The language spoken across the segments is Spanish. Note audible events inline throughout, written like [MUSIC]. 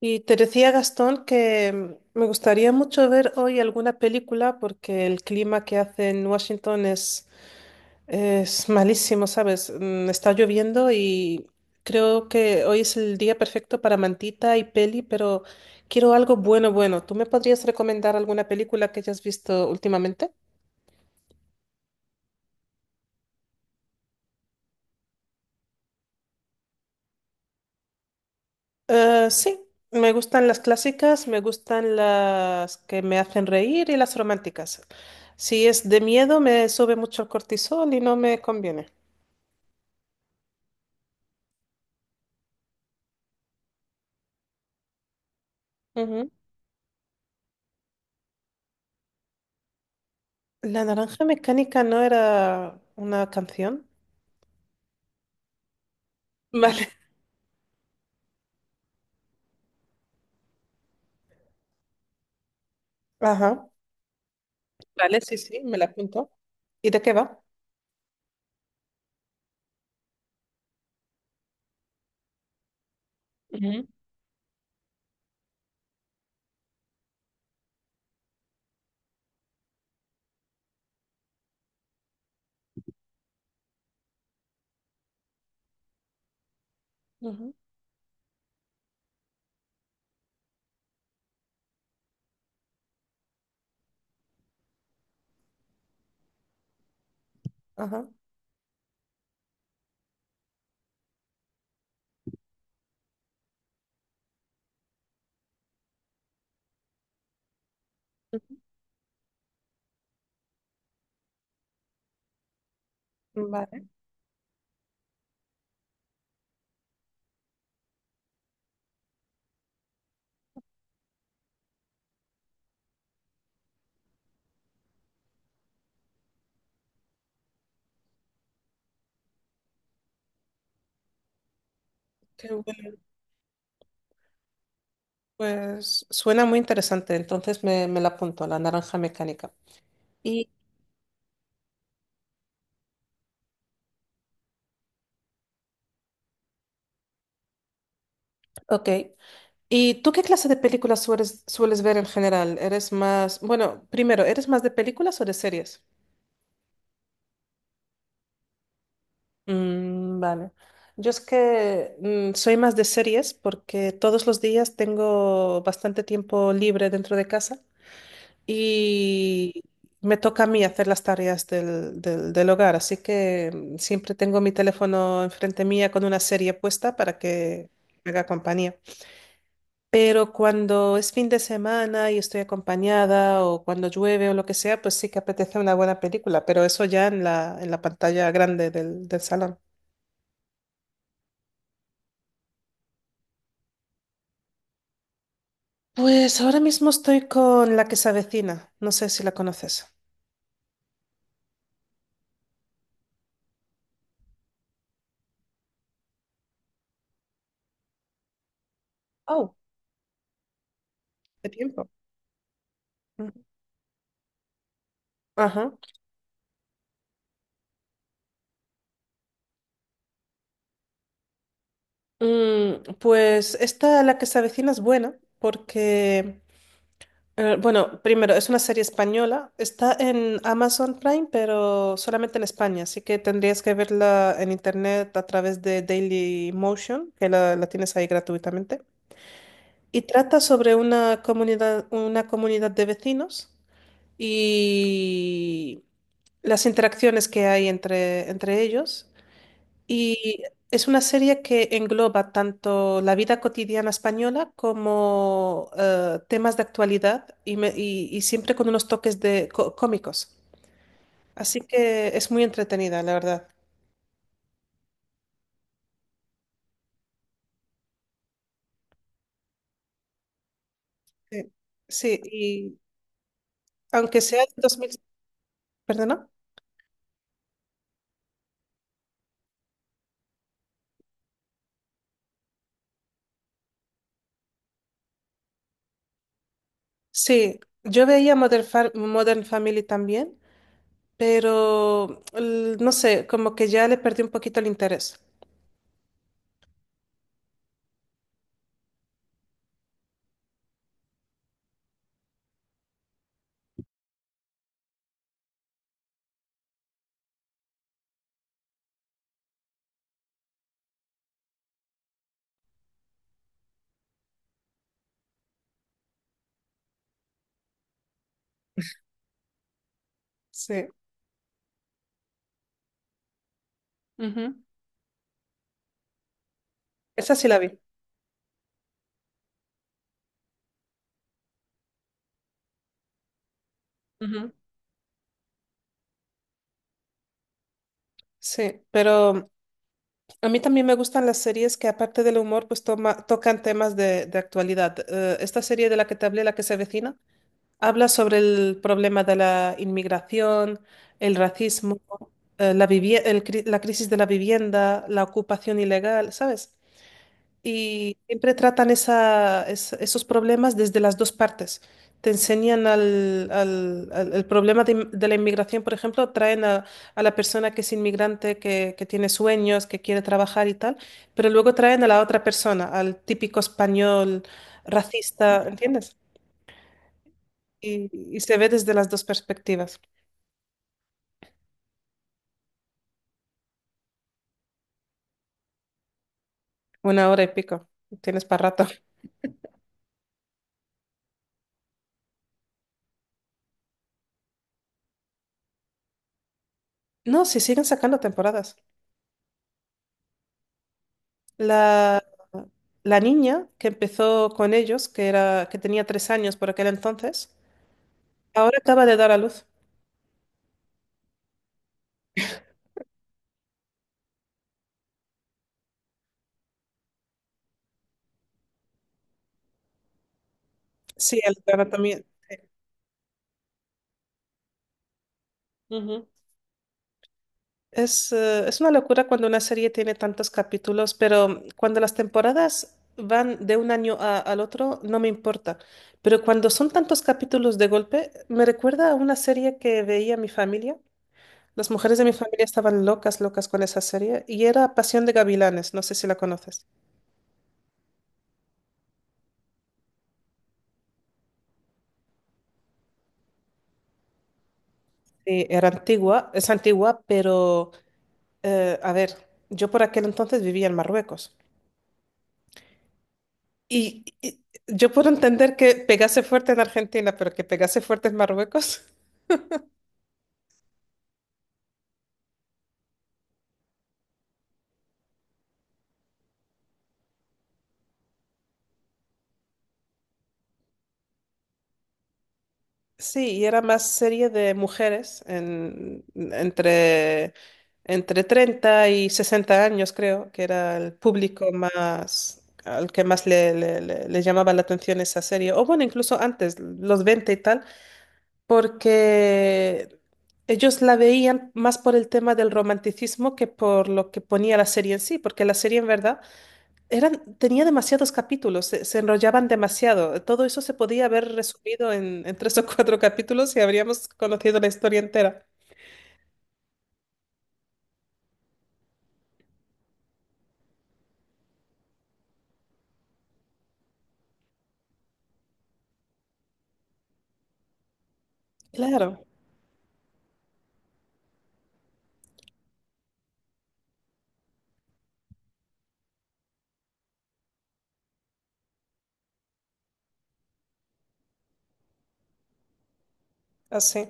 Y te decía, Gastón, que me gustaría mucho ver hoy alguna película porque el clima que hace en Washington es malísimo, ¿sabes? Está lloviendo y creo que hoy es el día perfecto para mantita y peli, pero quiero algo bueno, bueno. ¿Tú me podrías recomendar alguna película que hayas visto últimamente? Sí, me gustan las clásicas, me gustan las que me hacen reír y las románticas. Si es de miedo, me sube mucho el cortisol y no me conviene. Ujú. La naranja mecánica no era una canción. [LAUGHS] Vale. Ajá. Vale, sí, sí, me la apunto. ¿Y de qué va? Ujú. Ujú, ajá. Ujú. Vale. Qué bueno. Pues suena muy interesante, entonces me la apunto, la naranja mecánica. Y, ok. ¿Y tú qué clase de películas sueles ver en general? ¿Eres más, bueno, primero, ¿eres más de películas o de series? Mm, vale. Yo es que soy más de series porque todos los días tengo bastante tiempo libre dentro de casa y me toca a mí hacer las tareas del hogar, así que siempre tengo mi teléfono enfrente mía con una serie puesta para que me haga compañía. Pero cuando es fin de semana y estoy acompañada o cuando llueve o lo que sea, pues sí que apetece una buena película, pero eso ya en la pantalla grande del salón. Pues ahora mismo estoy con La que se avecina, no sé si la conoces. Oh, de tiempo. Ujú. Ajá. Pues esta La que se avecina es buena porque bueno, primero, es una serie española. Está en Amazon Prime, pero solamente en España. Así que tendrías que verla en internet a través de Daily Motion, que la tienes ahí gratuitamente. Y trata sobre una comunidad de vecinos y las interacciones que hay entre ellos. Y es una serie que engloba tanto la vida cotidiana española como temas de actualidad y siempre con unos toques de cómicos. Así que es muy entretenida, la verdad. Sí, sí, y aunque sea de 2000. ¿Perdona? Sí, yo veía Modern Family también, pero no sé, como que ya le perdí un poquito el interés. Sí. Ujú. Esa sí la vi. Ujú. Sí, pero a mí también me gustan las series que aparte del humor, pues tocan temas de actualidad. Esta serie de la que te hablé, la que se avecina, habla sobre el problema de la inmigración, el racismo, la crisis de la vivienda, la ocupación ilegal, ¿sabes? Y siempre tratan esos problemas desde las dos partes. Te enseñan el problema de la inmigración, por ejemplo, traen a la persona que es inmigrante, que tiene sueños, que quiere trabajar y tal, pero luego traen a la otra persona, al típico español racista, ¿entiendes? Y, y se ve desde las dos perspectivas. Una hora y pico. Tienes para rato. No, si siguen sacando temporadas. La, la niña que empezó con ellos, que era, que tenía 3 años por aquel entonces, ahora acaba de dar a luz. Sí, el drama también. Ujú. Es una locura cuando una serie tiene tantos capítulos, pero cuando las temporadas van de un año al otro, no me importa. Pero cuando son tantos capítulos de golpe, me recuerda a una serie que veía mi familia. Las mujeres de mi familia estaban locas, locas con esa serie, y era Pasión de Gavilanes, no sé si la conoces. Sí, era antigua, es antigua, pero a ver, yo por aquel entonces vivía en Marruecos. Y yo puedo entender que pegase fuerte en Argentina, pero que pegase fuerte en Marruecos. [LAUGHS] Sí, y era más serie de mujeres entre, entre 30 y 60 años, creo, que era el público más, al que más le llamaba la atención esa serie. O bueno, incluso antes, los 20 y tal, porque ellos la veían más por el tema del romanticismo que por lo que ponía la serie en sí, porque la serie en verdad eran, tenía demasiados capítulos, se enrollaban demasiado. Todo eso se podía haber resumido en tres o cuatro capítulos y habríamos conocido la historia entera. Claro, así.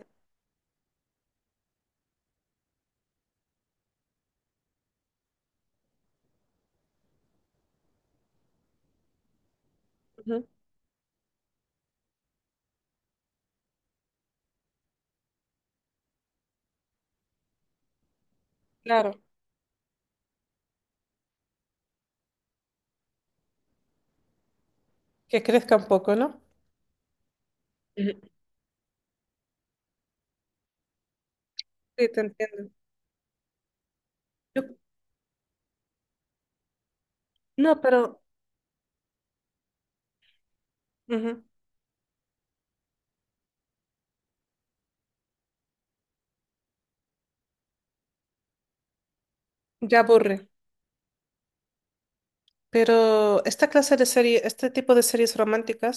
Ujú, claro, que crezca un poco, ¿no? Ujú. Sí, te entiendo. Yo- no, pero ujú, ya aburre. Pero esta clase de serie, este tipo de series románticas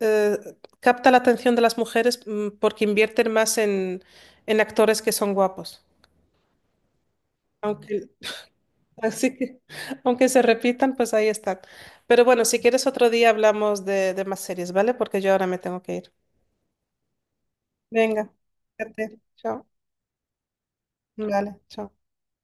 eh, capta la atención de las mujeres porque invierten más en actores que son guapos. Aunque, así que, [LAUGHS] aunque se repitan, pues ahí están. Pero bueno, si quieres otro día hablamos de más series, ¿vale? Porque yo ahora me tengo que ir. Venga, cuídate. Chao. Vale, chao.